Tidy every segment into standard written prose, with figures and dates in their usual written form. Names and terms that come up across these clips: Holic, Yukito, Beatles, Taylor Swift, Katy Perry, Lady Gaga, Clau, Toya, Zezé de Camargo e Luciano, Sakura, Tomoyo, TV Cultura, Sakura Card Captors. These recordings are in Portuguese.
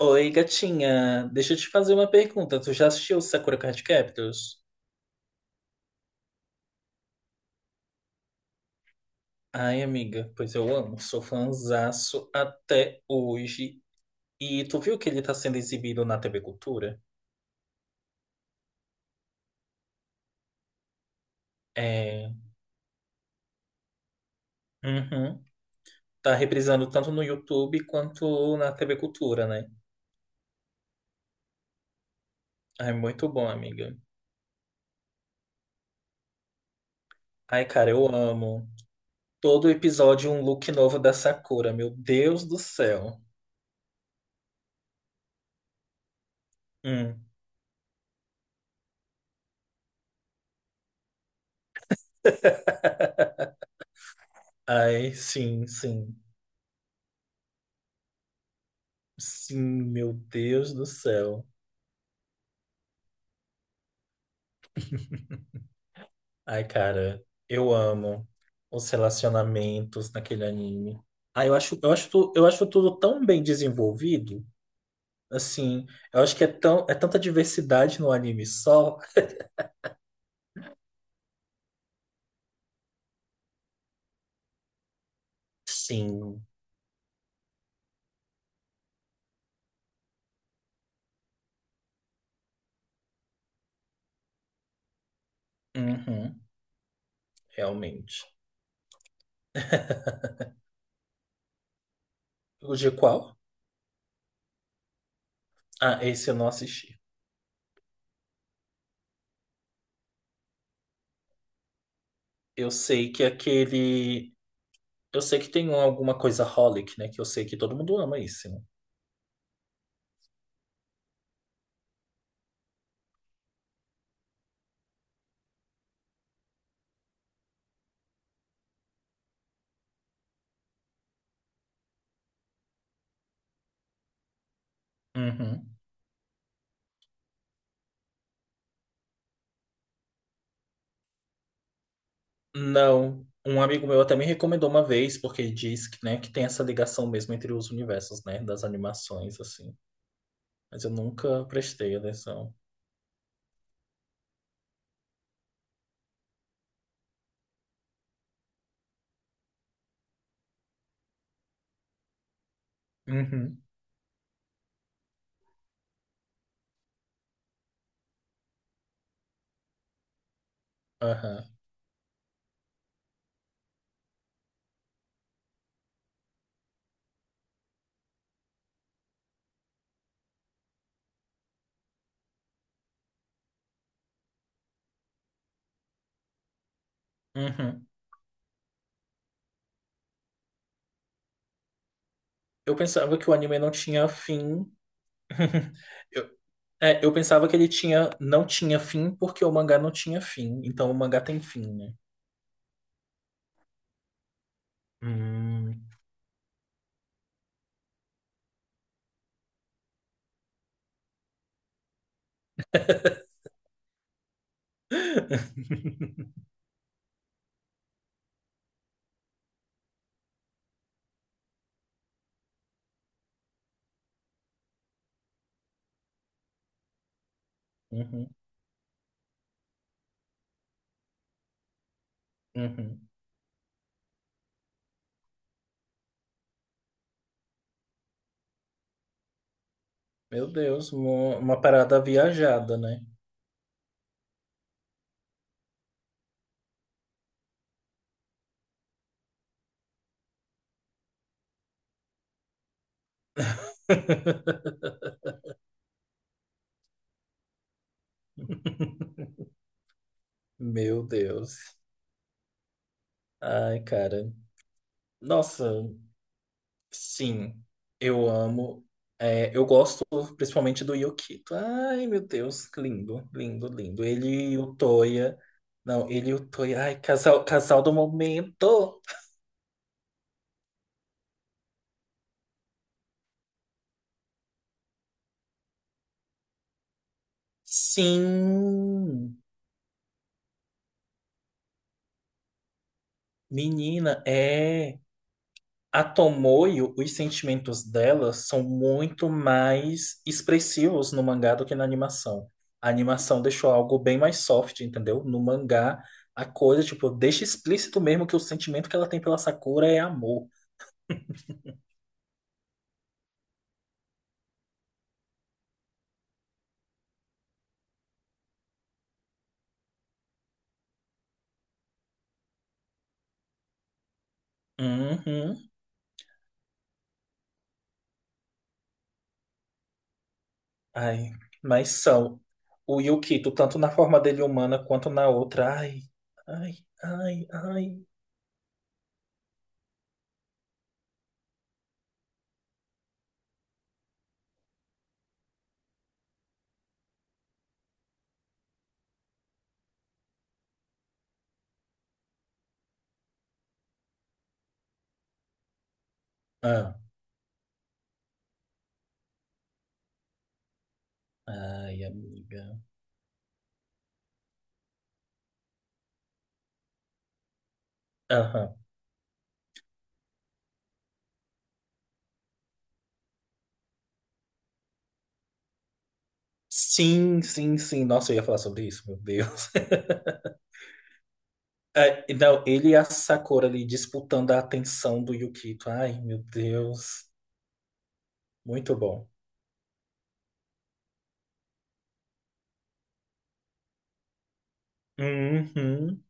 Oi, gatinha. Deixa eu te fazer uma pergunta. Tu já assistiu Sakura Card Captors? Ai, amiga, pois eu amo. Sou fãzaço até hoje. E tu viu que ele tá sendo exibido na TV Cultura? É. Uhum. Tá reprisando tanto no YouTube quanto na TV Cultura, né? Ai, muito bom, amiga. Ai, cara, eu amo. Todo episódio um look novo da Sakura. Meu Deus do céu. Hum. Ai, sim, sim. Sim, meu Deus do céu. Ai, cara, eu amo os relacionamentos naquele anime. Ah, eu acho tudo tão bem desenvolvido. Assim, eu acho que é tão, é tanta diversidade no anime só. Sim, uhum, realmente. O de qual? Ah, esse eu não assisti. Eu sei que aquele. Eu sei que tem alguma coisa Holic, né? Que eu sei que todo mundo ama isso, né? Não. Um amigo meu até me recomendou uma vez, porque diz que, né, que tem essa ligação mesmo entre os universos, né, das animações, assim. Mas eu nunca prestei atenção. Uhum. Aham. Uhum. Eu pensava que o anime não tinha fim. Eu, é, eu pensava que ele tinha, não tinha fim porque o mangá não tinha fim. Então o mangá tem fim, né? Hum. Uhum, uhum. Meu Deus, uma parada viajada, né? Meu Deus. Ai, cara. Nossa, sim, eu amo. É, eu gosto principalmente do Yukito. Ai, meu Deus, lindo, lindo, lindo. Ele e o Toya. Não, ele e o Toya. Ai, casal, casal do momento. Sim, menina, é. A Tomoyo, os sentimentos dela são muito mais expressivos no mangá do que na animação. A animação deixou algo bem mais soft, entendeu? No mangá, a coisa, tipo, deixa explícito mesmo que o sentimento que ela tem pela Sakura é amor. Uhum. Ai, mas são o Yukito, tanto na forma dele humana quanto na outra. Ai, ai, ai, ai. Ah, ai, amiga. Aham. Sim, sim, sim. Nossa, eu ia falar sobre isso, meu Deus. É, e não, ele e a Sakura ali disputando a atenção do Yukito. Ai, meu Deus. Muito bom. Uhum,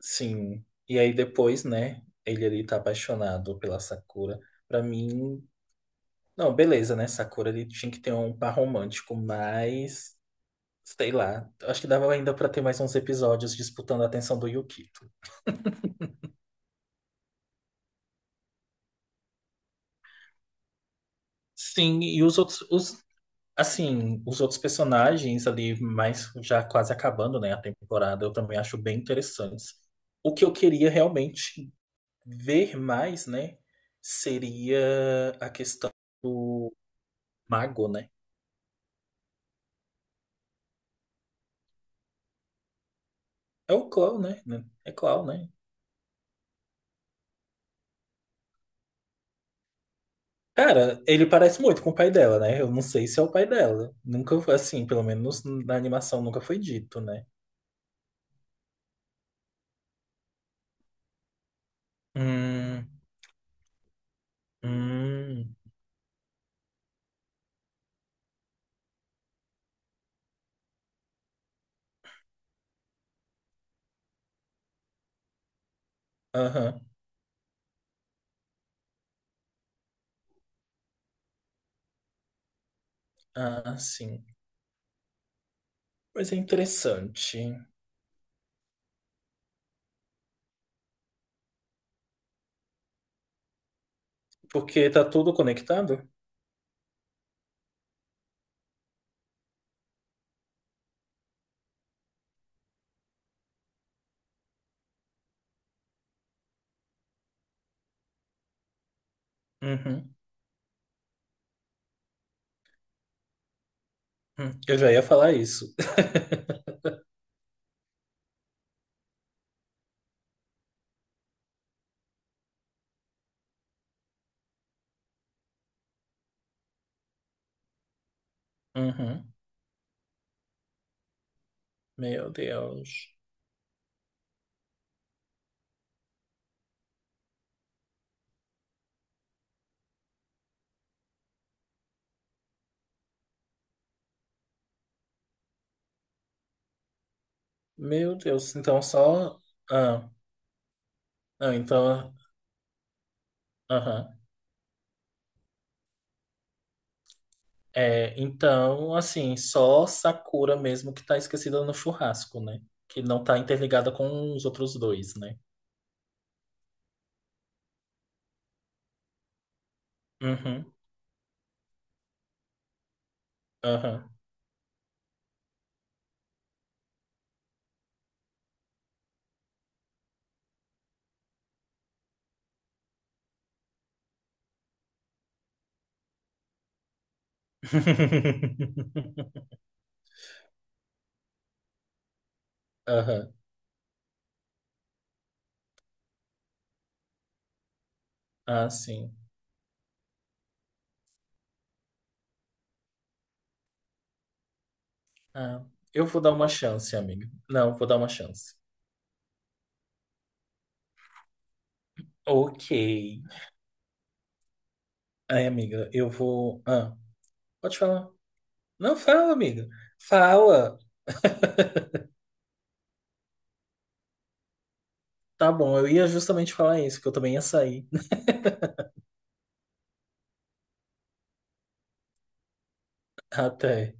sim. E aí depois, né? Ele ali tá apaixonado pela Sakura. Pra mim, não, beleza, né? Sakura ele tinha que ter um par romântico, mas sei lá. Acho que dava ainda pra ter mais uns episódios disputando a atenção do Yukito. Sim, e os outros, os assim, os outros personagens ali, mas já quase acabando, né, a temporada, eu também acho bem interessantes. O que eu queria realmente ver mais, né, seria a questão do mago, né? É o Clau, né? É Clau, né? Cara, ele parece muito com o pai dela, né? Eu não sei se é o pai dela. Nunca, assim, pelo menos na animação nunca foi dito, né? Hum, hum, aham. Ah, sim. Mas é interessante. Porque tá tudo conectado? Uhum, uhum. Eu já ia falar isso. Uhum. Meu Deus. Meu Deus. Então só. Ah, não, então. Aham. É, então, assim, só Sakura mesmo que tá esquecida no churrasco, né? Que não tá interligada com os outros dois, né? Uhum. Aham. Aham. Ah, sim. Ah, eu vou dar uma chance, amiga. Não, vou dar uma chance. Ok. Ai, amiga, eu vou. Ah. Pode falar. Não, fala, amiga. Fala. Tá bom, eu ia justamente falar isso, que eu também ia sair até.